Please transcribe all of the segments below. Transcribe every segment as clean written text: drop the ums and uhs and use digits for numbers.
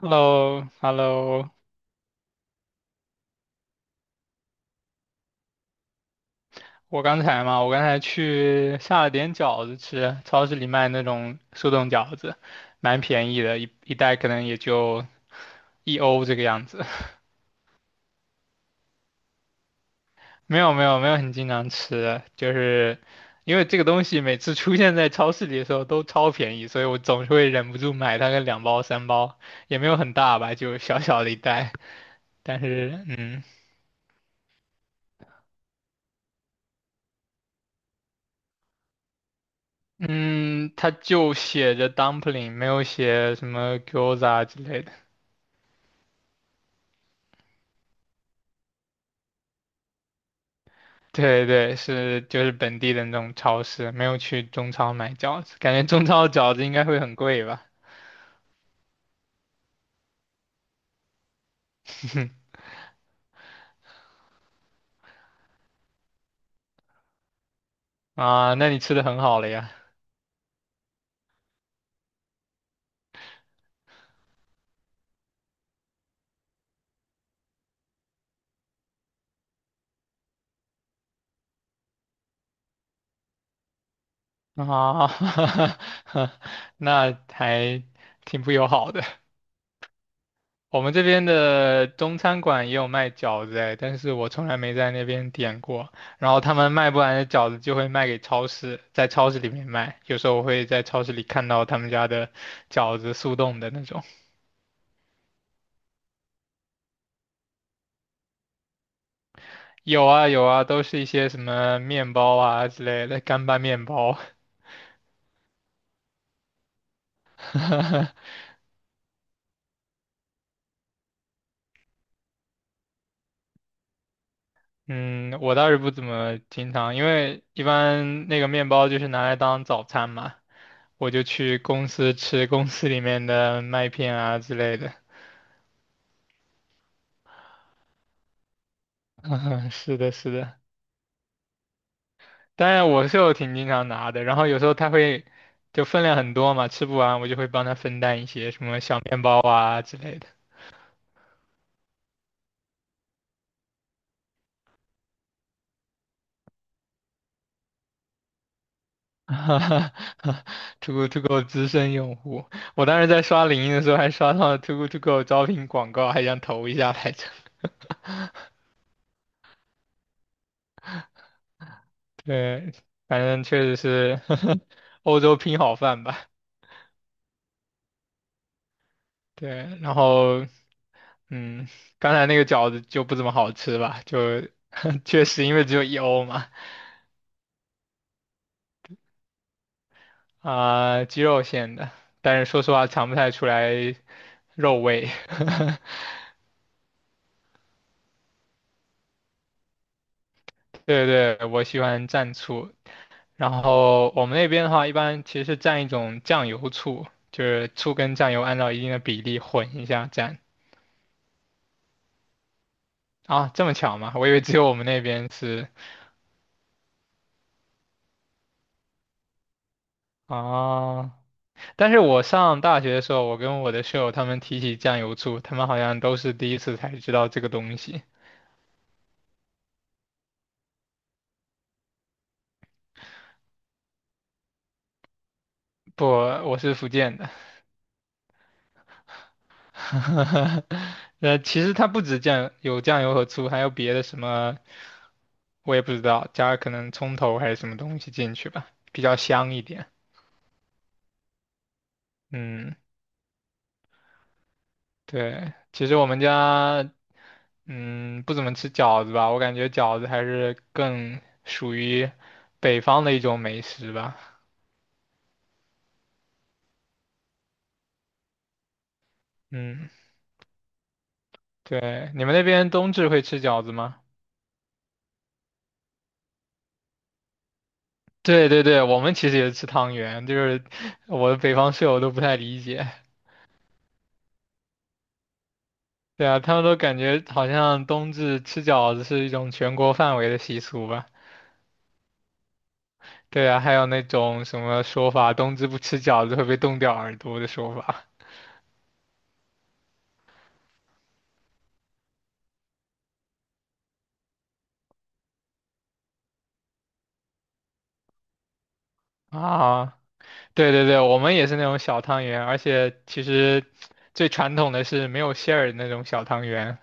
Hello hello 我刚才嘛，我刚才去下了点饺子吃，超市里卖那种速冻饺子，蛮便宜的，一袋可能也就一欧这个样子。没有没有没有很经常吃，就是因为这个东西每次出现在超市里的时候都超便宜，所以我总是会忍不住买它个两包三包，也没有很大吧，就小小的一袋，但是嗯。嗯，它就写着 dumpling，没有写什么 gyoza 之类的。对对，是就是本地的那种超市，没有去中超买饺子，感觉中超的饺子应该会很贵吧？啊，那你吃的很好了呀？啊，那还挺不友好的。我们这边的中餐馆也有卖饺子哎，但是我从来没在那边点过。然后他们卖不完的饺子就会卖给超市，在超市里面卖。有时候我会在超市里看到他们家的饺子速冻的那种。有啊有啊，都是一些什么面包啊之类的干拌面包。嗯，我倒是不怎么经常，因为一般那个面包就是拿来当早餐嘛，我就去公司吃公司里面的麦片啊之类的。嗯，是的，是的。当然我是有挺经常拿的，然后有时候他会就分量很多嘛，吃不完我就会帮他分担一些什么小面包啊之类的。哈哈哈 togo To Go 资深用户，我当时在刷领英的时候还刷到了 t o g o To Go 招聘广告，还想投一下来着。对，反正确实是 欧洲拼好饭吧。对，然后嗯，刚才那个饺子就不怎么好吃吧，就 确实因为只有一欧嘛，啊、鸡肉馅的，但是说实话尝不太出来肉味。对对，我喜欢蘸醋，然后我们那边的话，一般其实是蘸一种酱油醋，就是醋跟酱油按照一定的比例混一下蘸。啊，这么巧吗？我以为只有我们那边是啊。但是我上大学的时候，我跟我的室友他们提起酱油醋，他们好像都是第一次才知道这个东西。不，我是福建的。其实它不止酱，有酱油和醋，还有别的什么，我也不知道，加可能葱头还是什么东西进去吧，比较香一点。嗯，对，其实我们家，嗯，不怎么吃饺子吧，我感觉饺子还是更属于北方的一种美食吧。嗯，对，你们那边冬至会吃饺子吗？对对对，我们其实也是吃汤圆，就是 我的北方室友都不太理解。对啊，他们都感觉好像冬至吃饺子是一种全国范围的习俗吧？对啊，还有那种什么说法，冬至不吃饺子会被冻掉耳朵的说法啊。对对对，我们也是那种小汤圆，而且其实最传统的是没有馅儿的那种小汤圆。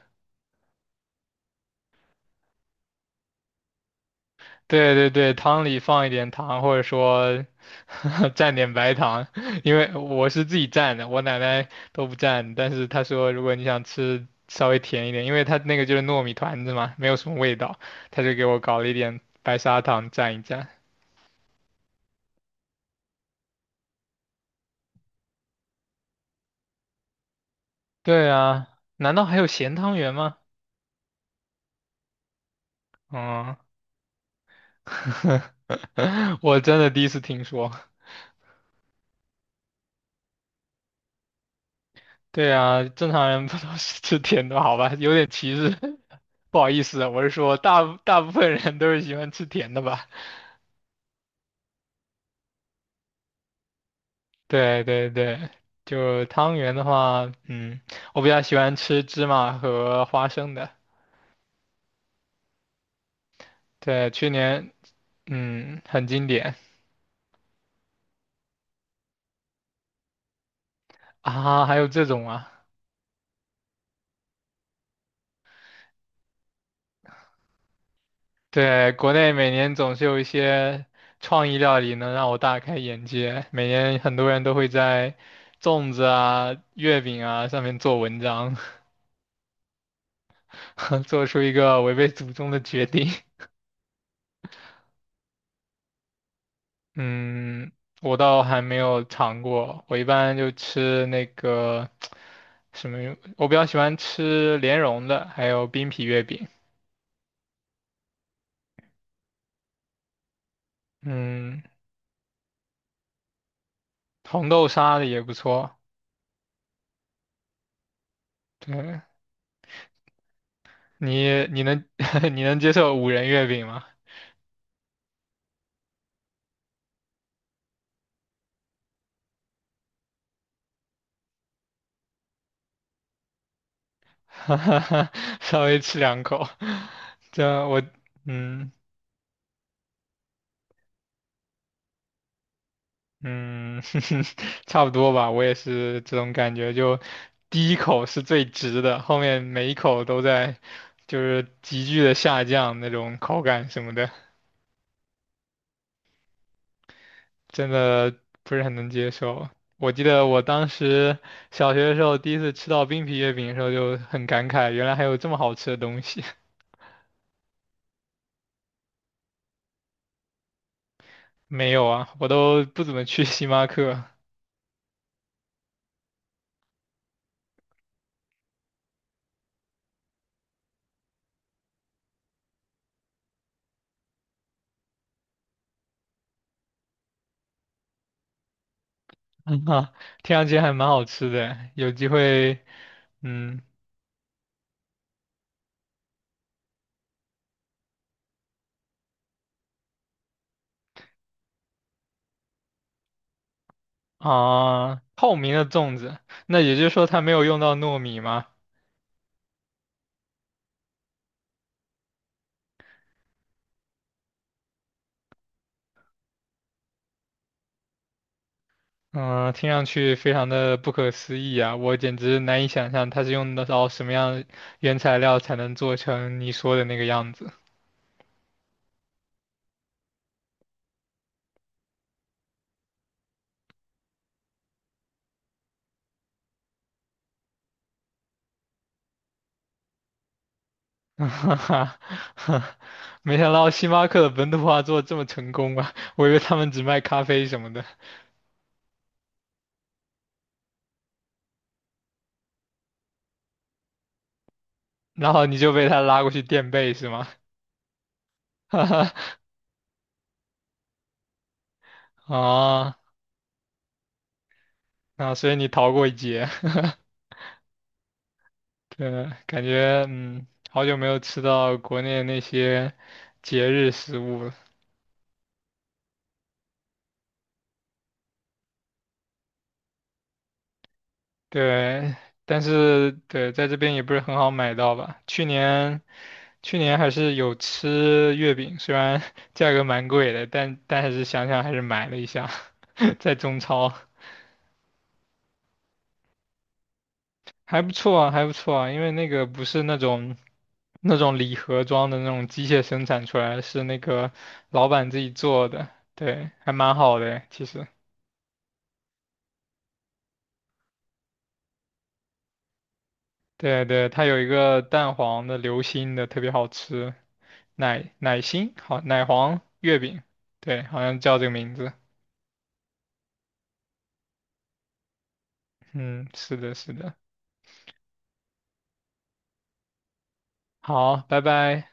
对对对，汤里放一点糖，或者说 蘸点白糖，因为我是自己蘸的，我奶奶都不蘸，但是她说如果你想吃稍微甜一点，因为它那个就是糯米团子嘛，没有什么味道，她就给我搞了一点白砂糖蘸一蘸。对啊，难道还有咸汤圆吗？嗯，我真的第一次听说。对啊，正常人不都是吃甜的好吧？有点歧视，不好意思啊我是说大部分人都是喜欢吃甜的吧？对对对，就汤圆的话，我比较喜欢吃芝麻和花生的。对，去年很经典啊，还有这种啊，对，国内每年总是有一些创意料理能让我大开眼界，每年很多人都会在粽子啊、月饼啊上面做文章。做出一个违背祖宗的决定。嗯，我倒还没有尝过，我一般就吃那个什么，我比较喜欢吃莲蓉的，还有冰皮月饼。嗯，红豆沙的也不错。对，你你能 你能接受五仁月饼吗？稍微吃两口，这我嗯。嗯，差不多吧，我也是这种感觉，就第一口是最值的，后面每一口都在就是急剧的下降那种口感什么的，真的不是很能接受。我记得我当时小学的时候第一次吃到冰皮月饼的时候就很感慨，原来还有这么好吃的东西。没有啊，我都不怎么去 星巴克，嗯啊，听上去还蛮好吃的，有机会，嗯。啊，透明的粽子，那也就是说它没有用到糯米吗？嗯，听上去非常的不可思议啊，我简直难以想象它是用得到什么样的原材料才能做成你说的那个样子。哈哈，没想到星巴克的本土化做得这么成功啊！我以为他们只卖咖啡什么的，然后你就被他拉过去垫背是吗？哈哈，啊，那所以你逃过一劫。对，感觉好久没有吃到国内那些节日食物了。对，但是对，在这边也不是很好买到吧。去年还是有吃月饼，虽然 价格蛮贵的，但还是想想还是买了一下，在中超还不错啊，还不错啊，因为那个不是那种礼盒装的那种机械生产出来的是那个老板自己做的，对，还蛮好的，其实。对对，它有一个蛋黄的流心的，特别好吃，奶奶心，好，奶黄月饼，对，好像叫这个名字。嗯，是的，是的。好，拜拜。